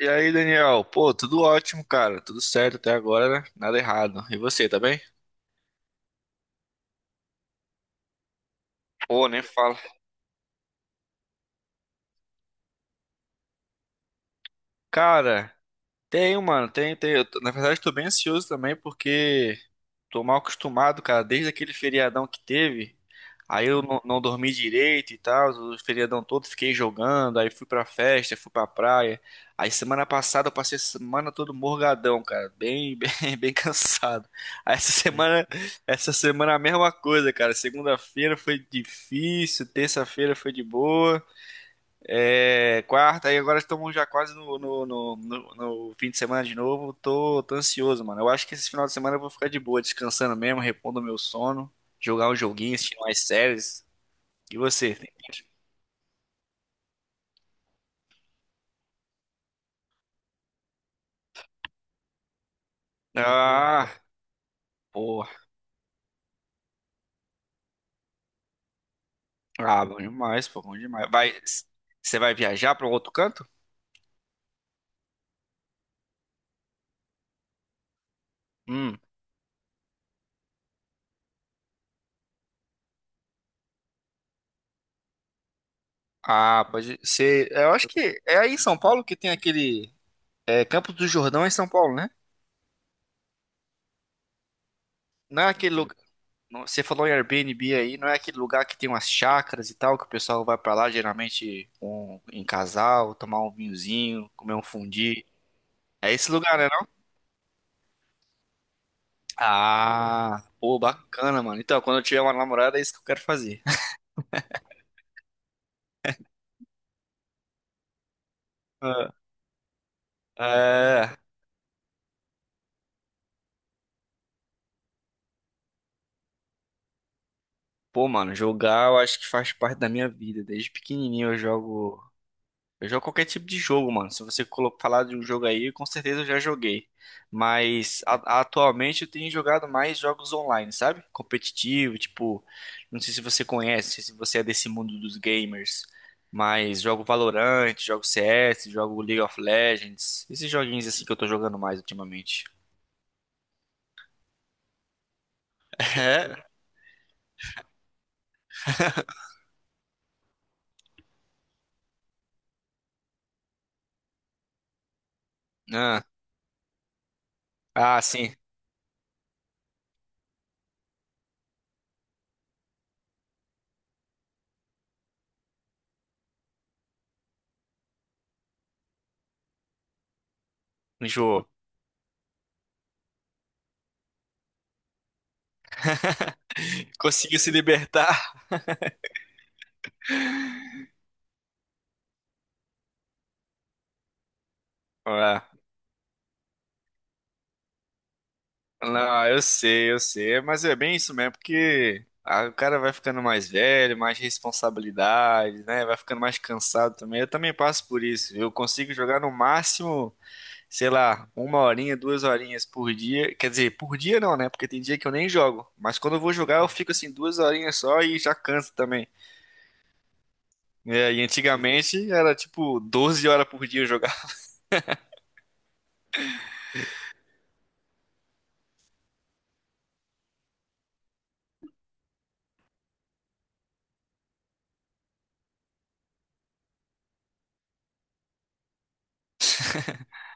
E aí, Daniel? Pô, tudo ótimo, cara. Tudo certo até agora, né? Nada errado. E você, tá bem? Pô, nem fala. Cara, tenho, mano. Tenho, tenho. Na verdade, tô bem ansioso também porque tô mal acostumado, cara, desde aquele feriadão que teve. Aí eu não, não dormi direito e tal, o feriadão todo fiquei jogando, aí fui pra festa, fui pra praia. Aí semana passada eu passei a semana todo morgadão, cara, bem, bem, bem cansado. Aí essa semana a mesma coisa, cara. Segunda-feira foi difícil, terça-feira foi de boa. É, quarta, e agora estamos já quase no fim de semana de novo. Tô ansioso, mano. Eu acho que esse final de semana eu vou ficar de boa, descansando mesmo, repondo meu sono, jogar um joguinho, assistir mais séries. E você? Tem plano? Ah, pô. Ah, bom demais, pô, bom demais. Vai, você vai viajar para outro canto? Hum. Ah, pode ser. Eu acho que é aí em São Paulo que tem aquele Campos do Jordão é em São Paulo, né? Não é aquele. Você falou em Airbnb aí, não é aquele lugar que tem umas chácaras e tal, que o pessoal vai pra lá geralmente com- em casal, tomar um vinhozinho, comer um fundi. É esse lugar, né, não? Ah, pô, bacana, mano. Então, quando eu tiver uma namorada, é isso que eu quero fazer. É, é. Pô, mano, jogar eu acho que faz parte da minha vida. Desde pequenininho eu jogo. Eu jogo qualquer tipo de jogo, mano. Se você falar de um jogo aí, com certeza eu já joguei. Mas atualmente eu tenho jogado mais jogos online, sabe? Competitivo, tipo, não sei se você conhece, se você é desse mundo dos gamers, mas jogo Valorant, jogo CS, jogo League of Legends, esses joguinhos assim que eu tô jogando mais ultimamente. É? Ah, ah, sim, enjoou. Conseguiu se libertar? Ah. Não, eu sei, mas é bem isso mesmo, porque ah, o cara vai ficando mais velho, mais responsabilidades, né? Vai ficando mais cansado também. Eu também passo por isso. Eu consigo jogar no máximo, sei lá, uma horinha, duas horinhas por dia. Quer dizer, por dia não, né? Porque tem dia que eu nem jogo. Mas quando eu vou jogar, eu fico assim duas horinhas só e já canso também. É, e antigamente era tipo 12 horas por dia eu jogar.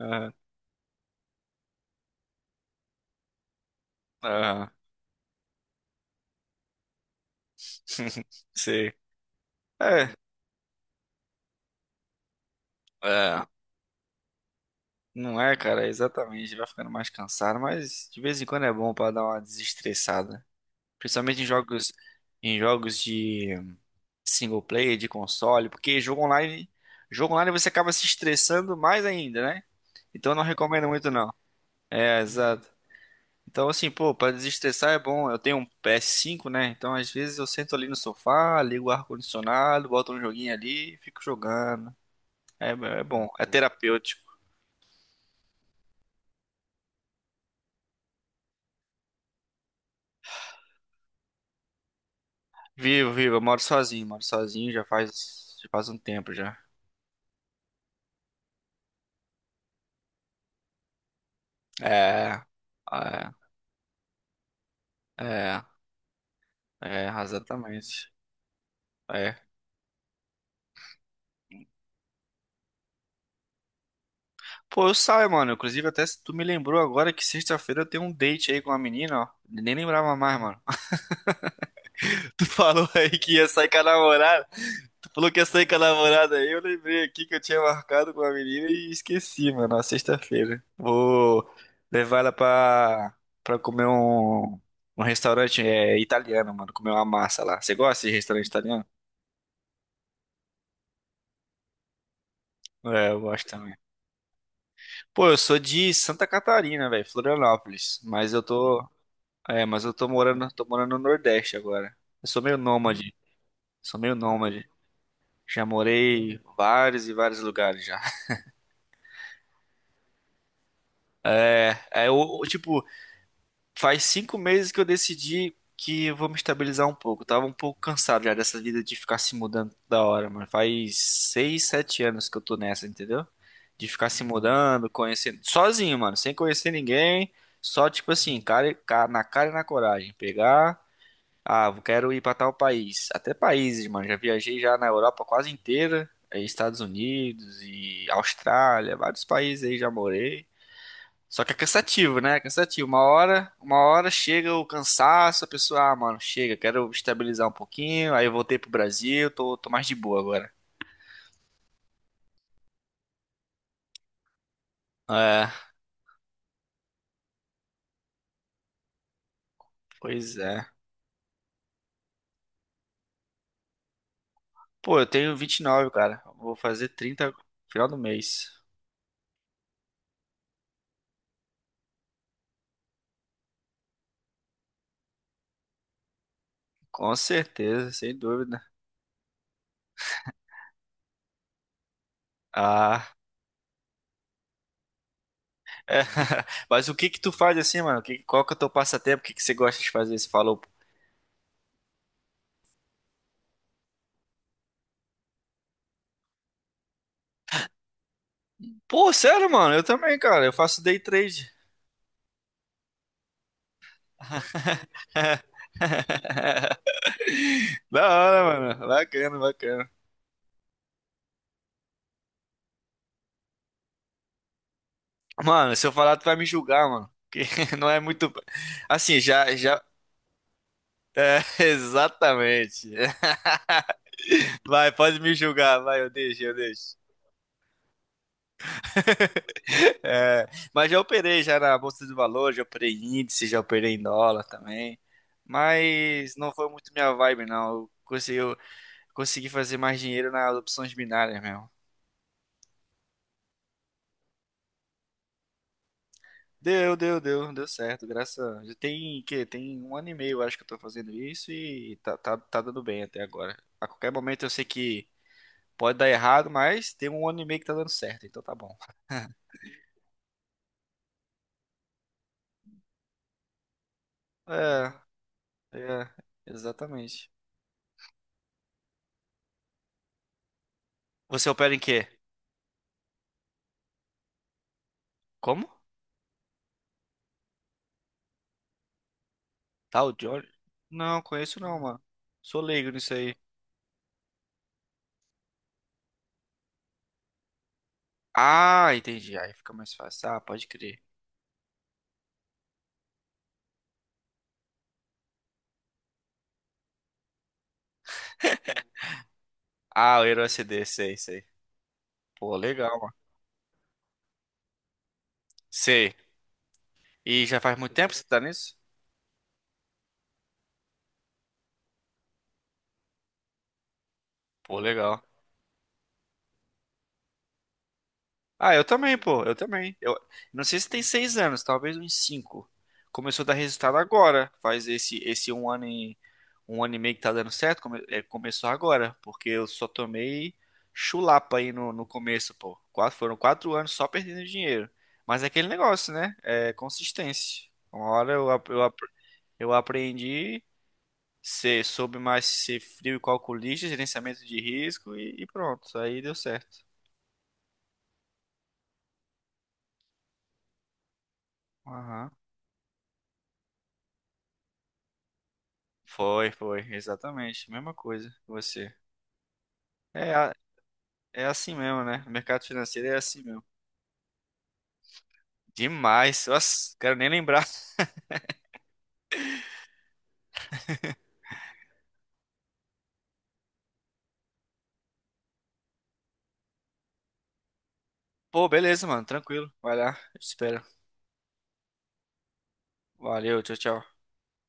Ah, ah, sei. É. É. Não é, cara, exatamente. Vai ficando mais cansado, mas de vez em quando é bom pra dar uma desestressada. Principalmente em jogos de single player, de console, porque jogo online você acaba se estressando mais ainda, né? Então eu não recomendo muito não. É, exato. Então assim, pô, pra desestressar é bom. Eu tenho um PS5, né? Então às vezes eu sento ali no sofá, ligo o ar-condicionado, boto um joguinho ali, e fico jogando. É, é bom, é terapêutico. Vivo, vivo, eu moro sozinho já faz um tempo já. É, é, é, é, exatamente. É. Pô, eu saio, mano. Inclusive, até se tu me lembrou agora que sexta-feira eu tenho um date aí com uma menina, ó. Nem lembrava mais, mano. Tu falou aí que ia sair com a namorada. Tu falou que ia sair com a namorada aí. Eu lembrei aqui que eu tinha marcado com a menina e esqueci, mano. Na sexta-feira. Vou levar ela pra comer um restaurante italiano, mano. Comer uma massa lá. Você gosta de restaurante italiano? É, eu gosto também. Pô, eu sou de Santa Catarina, velho, Florianópolis, mas eu tô morando, no Nordeste agora. Eu sou meio nômade, sou meio nômade. Já morei em vários e vários lugares já. É eu, tipo, faz 5 meses que eu decidi que eu vou me estabilizar um pouco. Eu tava um pouco cansado já dessa vida de ficar se mudando da hora, mano. Faz 6, 7 anos que eu tô nessa, entendeu? De ficar se mudando, conhecendo, sozinho, mano, sem conhecer ninguém. Só, tipo assim, cara, na cara e na coragem. Pegar, ah, eu quero ir pra tal país. Até países, mano. Já viajei já na Europa quase inteira. Aí Estados Unidos e Austrália, vários países aí já morei. Só que é cansativo, né? É cansativo. Uma hora chega o cansaço, a pessoa, ah, mano, chega, quero estabilizar um pouquinho. Aí eu voltei pro Brasil, tô mais de boa agora. É, pois é. Pô, eu tenho 29, cara. Vou fazer 30 no final do mês. Com certeza, sem dúvida. Ah, é. Mas o que que tu faz assim, mano? Qual que é o teu passatempo? O que que você gosta de fazer? Você falou, pô, sério, mano, eu também, cara. Eu faço day trade. Da hora, mano. Bacana, bacana. Mano, se eu falar, tu vai me julgar, mano. Que não é muito. Assim, já, já. É, exatamente. Vai, pode me julgar, vai, eu deixo, eu deixo. É, mas já operei já na Bolsa de Valores, já operei em índice, já operei em dólar também. Mas não foi muito minha vibe, não. Eu consegui fazer mais dinheiro nas opções binárias mesmo. Deu certo, graças a... Tem um ano e meio, eu acho que eu tô fazendo isso e tá dando bem até agora. A qualquer momento eu sei que pode dar errado, mas tem um ano e meio que tá dando certo, então tá bom. É, é, exatamente. Você opera em quê? Como? Tal Johnny? Não, conheço não, mano. Sou leigo nisso aí. Ah, entendi. Aí fica mais fácil. Ah, pode crer. Ah, o Hero SD, sei, sei. Pô, legal, mano. Sei. E já faz muito tempo que você tá nisso? Pô, legal. Ah, eu também, pô, eu também. Eu não sei se tem 6 anos, talvez uns cinco. Começou a dar resultado agora. Faz esse um ano e meio que tá dando certo. Começou agora, porque eu só tomei chulapa aí no começo, pô. Quatro, foram 4 anos só perdendo dinheiro. Mas é aquele negócio, né? É consistência. Uma hora eu aprendi, soube mais ser frio e calculista, gerenciamento de risco e pronto. Aí deu certo. Aham. Foi, foi, exatamente. Mesma coisa que você. É, a- é assim mesmo, né? O mercado financeiro é assim mesmo. Demais. Nossa, quero nem lembrar. Pô, beleza, mano. Tranquilo. Vai lá. Eu te espero. Valeu, tchau, tchau.